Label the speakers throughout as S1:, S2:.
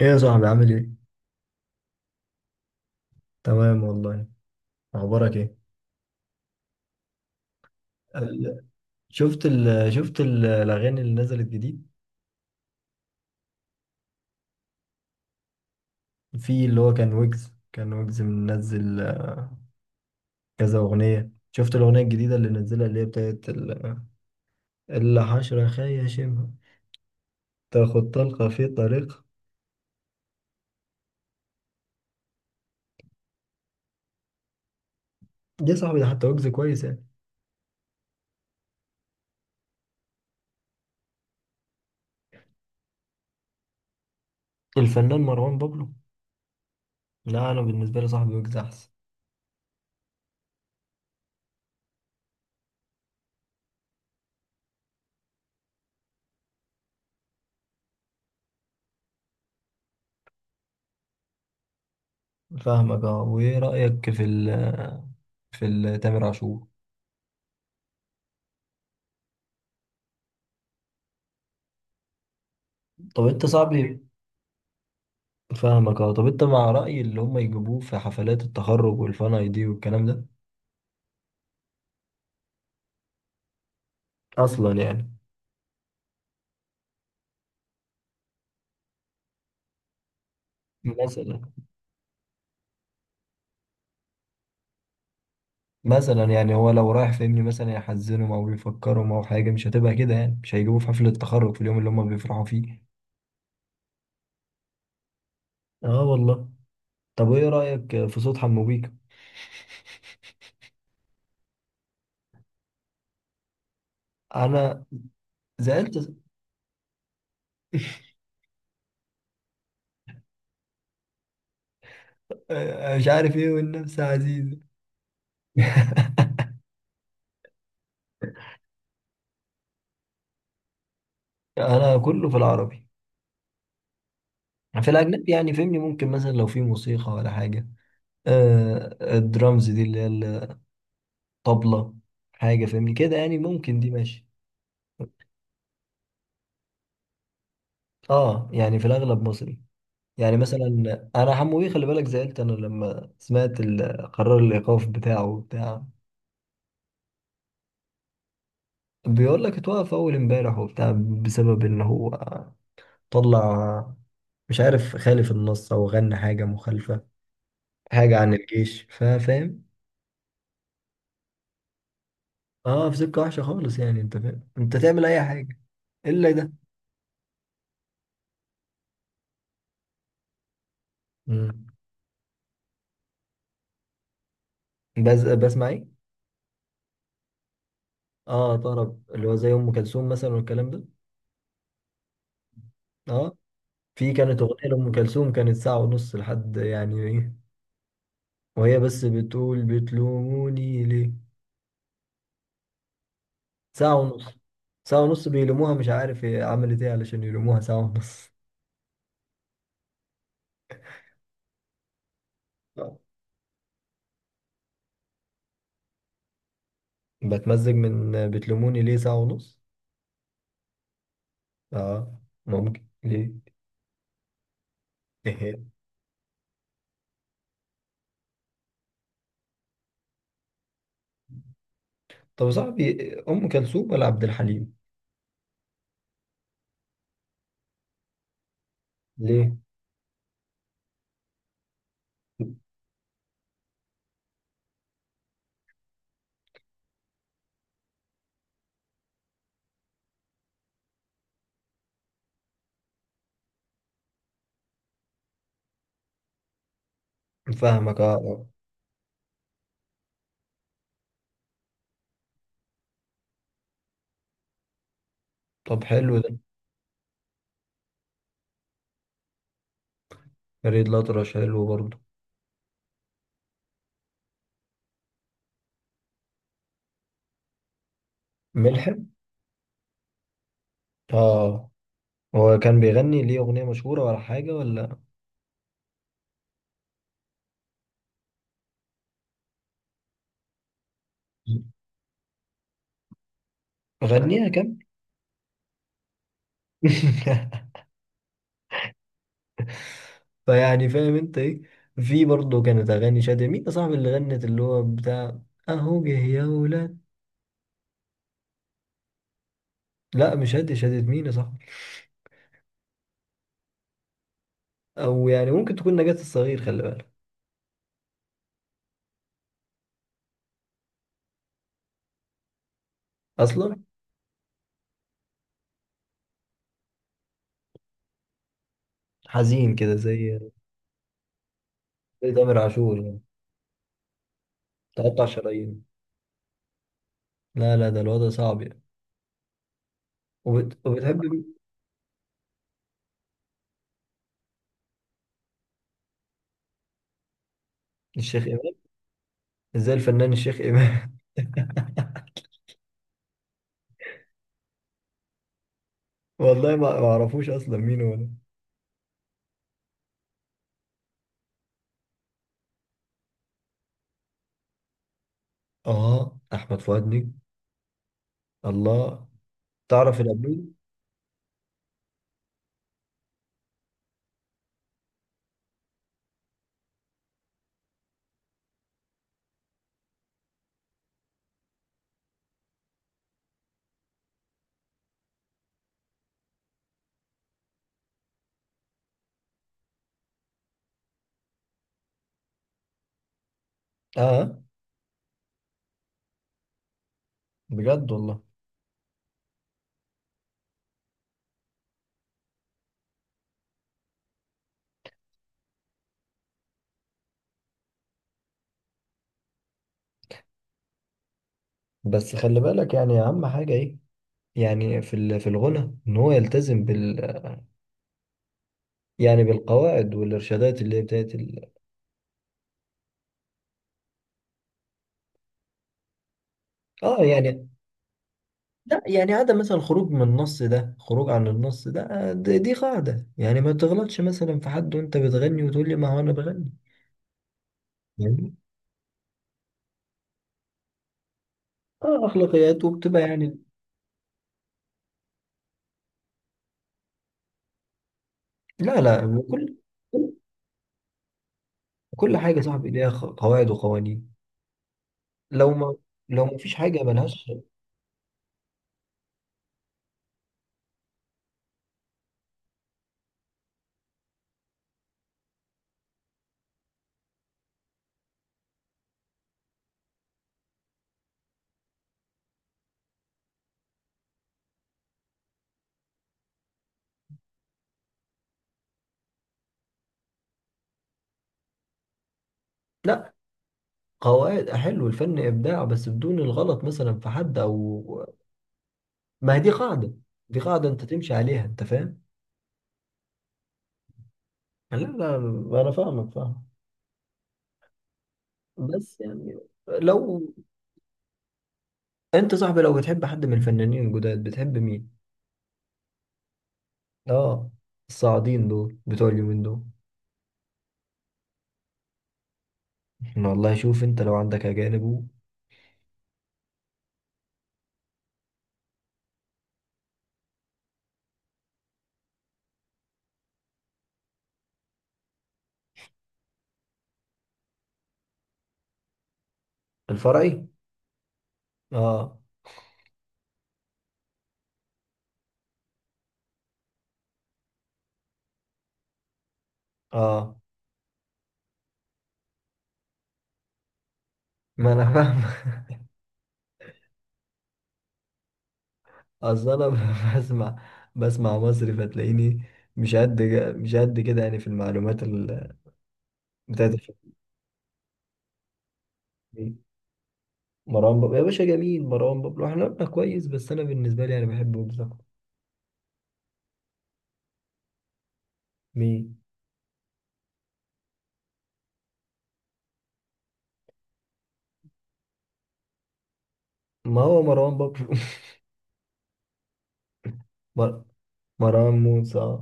S1: ايه يا صاحبي عامل ايه؟ تمام والله. اخبارك ايه؟ ال- شفت ال شفت ال- الاغاني اللي نزلت جديد. في اللي هو كان ويجز منزل كذا اغنيه. شفت الاغنيه الجديده اللي نزلها، اللي هي بتاعت الحشره خيشمها، تاخد طلقه في طريق. دي يا صاحبي، ده حتى ويجز كويس يعني. الفنان مروان بابلو. لا، انا بالنسبه لي صاحبي ويجز احسن. فاهمك اه. وايه رايك تامر عاشور؟ طب انت صاحبي. فاهمك اه. طب انت مع رأي اللي هم يجيبوه في حفلات التخرج والفان اي دي والكلام ده؟ اصلا يعني. مثلا مثلا يعني هو لو رايح فاهمني، مثلا يحزنهم او يفكرهم او حاجة، مش هتبقى كده يعني، مش هيجيبوه في حفلة التخرج في اليوم اللي هم بيفرحوا فيه. اه والله. طب وايه رأيك في صوت حمو بيكا؟ انا زعلت مش عارف ايه، والنفس عزيزة. انا كله في العربي. في الاجنبي يعني فهمني، ممكن مثلا لو في موسيقى ولا حاجه. آه الدرامز دي اللي هي طبلة، حاجة فاهمني كده يعني، ممكن دي ماشي. اه يعني في الأغلب مصري. يعني مثلا أنا حمو بيه، خلي بالك زعلت أنا لما سمعت قرار الإيقاف بتاعه وبتاع. بيقول لك اتوقف أول امبارح وبتاع، بسبب إن هو طلع، مش عارف، خالف النص أو غنى حاجة مخالفة، حاجة عن الجيش، فاهم. اه في سكة وحشة خالص يعني، أنت فاهم أنت تعمل أي حاجة إلا ده. مم. بس بسمع إيه؟ اه طرب، اللي هو زي أم كلثوم مثلا والكلام ده. اه، في كانت أغنية لأم كلثوم كانت ساعة ونص لحد يعني إيه. وهي بس بتقول بتلوموني ليه، ساعة ونص. ساعة ونص بيلوموها، مش عارف هي عملت إيه علشان يلوموها ساعة ونص. آه. بتمزج من بتلوموني ليه ساعة ونص. آه. ممكن ليه. إيه. طب يا صاحبي، أم كلثوم ولا عبد الحليم؟ ليه؟ فاهمك آه آه. طب حلو ده. فريد الأطرش حلو برضه. ملحم. آه. هو كان بيغني ليه أغنية مشهورة ولا حاجة ولا؟ غنيها كمان. فيعني فاهم انت ايه. في برضه كانت اغاني شادية، مين يا صاحبي اللي غنت اللي هو بتاع اهو جه يا ولاد؟ لا مش شادية، شادية مين يا صاحبي؟ او يعني ممكن تكون نجاة الصغير، خلي بالك. اصلا حزين كده زي تامر عاشور يعني. تقطع شرايين. لا لا، ده الوضع صعب يعني. وبتحب مين؟ الشيخ امام. ازاي الفنان الشيخ امام؟ والله ما اعرفوش اصلا مين هو ده. اه احمد فؤاد نجم. الله. تعرف الابدول؟ اه بجد والله. بس خلي بالك يعني، اهم حاجة ايه؟ يعني في الغنى ان هو يلتزم بال. يعني بالقواعد والارشادات اللي هي بتاعت. اه يعني. لا يعني عدم مثلا الخروج من النص، ده خروج عن النص ده. دي قاعدة، يعني ما تغلطش مثلا في حد وانت بتغني، وتقول لي ما هو انا بغني يعني. اه اخلاقيات، وبتبقى يعني. لا لا. كل حاجة يا صاحبي ليها قواعد وقوانين. لو ما لو ما فيش حاجة ملهاش. لا. قواعد حلو. الفن إبداع، بس بدون الغلط مثلا في حد أو. ما هي دي قاعدة. دي قاعدة انت تمشي عليها، انت فاهم. لا لا، انا فاهمك فاهم. بس يعني لو. انت صاحبي، لو بتحب حد من الفنانين الجداد، بتحب مين؟ اه. الصاعدين دول بتوع اليومين دول. احنا والله، شوف انت لو عندك اجانب. الفرعي. اه. اه ما انا فاهم. اصل انا بسمع مصري، فتلاقيني مش قد مش قد كده يعني، في المعلومات بتاعت الفنانين. مروان بابلو يا باشا جميل، مروان بابلو احنا قلنا كويس، بس انا بالنسبه لي انا بحب ويجز أكتر. مين؟ ما هو مروان بابلو. مر... مروان موسى.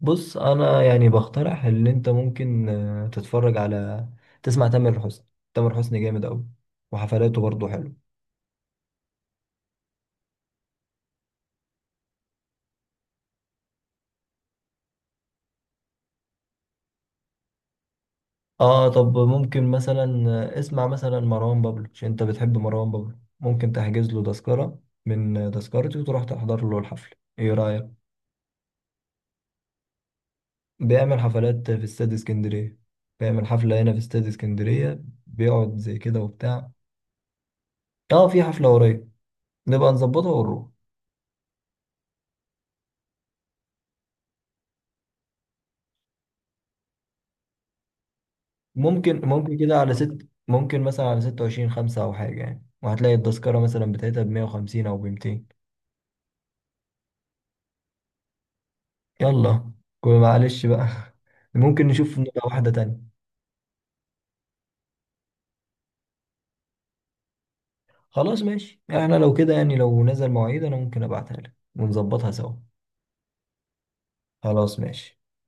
S1: بص انا يعني بقترح ان انت ممكن تتفرج على، تسمع تامر حسني. تامر حسني جامد قوي. وحفلاته برضه حلو. اه طب ممكن مثلا اسمع مثلا مروان بابلو، عشان انت بتحب مروان بابلو، ممكن تحجز له تذكره من تذكرتي، وتروح تحضر له الحفله. ايه رايك؟ بيعمل حفلات في استاد اسكندرية. بيعمل حفلة هنا في استاد اسكندرية، بيقعد زي كده وبتاع. اه في حفلة قريب. نبقى نظبطها ونروح. ممكن كده على ست ممكن مثلا على 26/5 أو حاجة يعني، وهتلاقي التذكرة مثلا بتاعتها بمية وخمسين أو بمتين. يلا، كل معلش بقى. ممكن نشوف، نبقى واحدة تانية. خلاص ماشي، احنا لو كده يعني لو نزل مواعيد أنا ممكن أبعتها لك ونظبطها سوا. خلاص ماشي.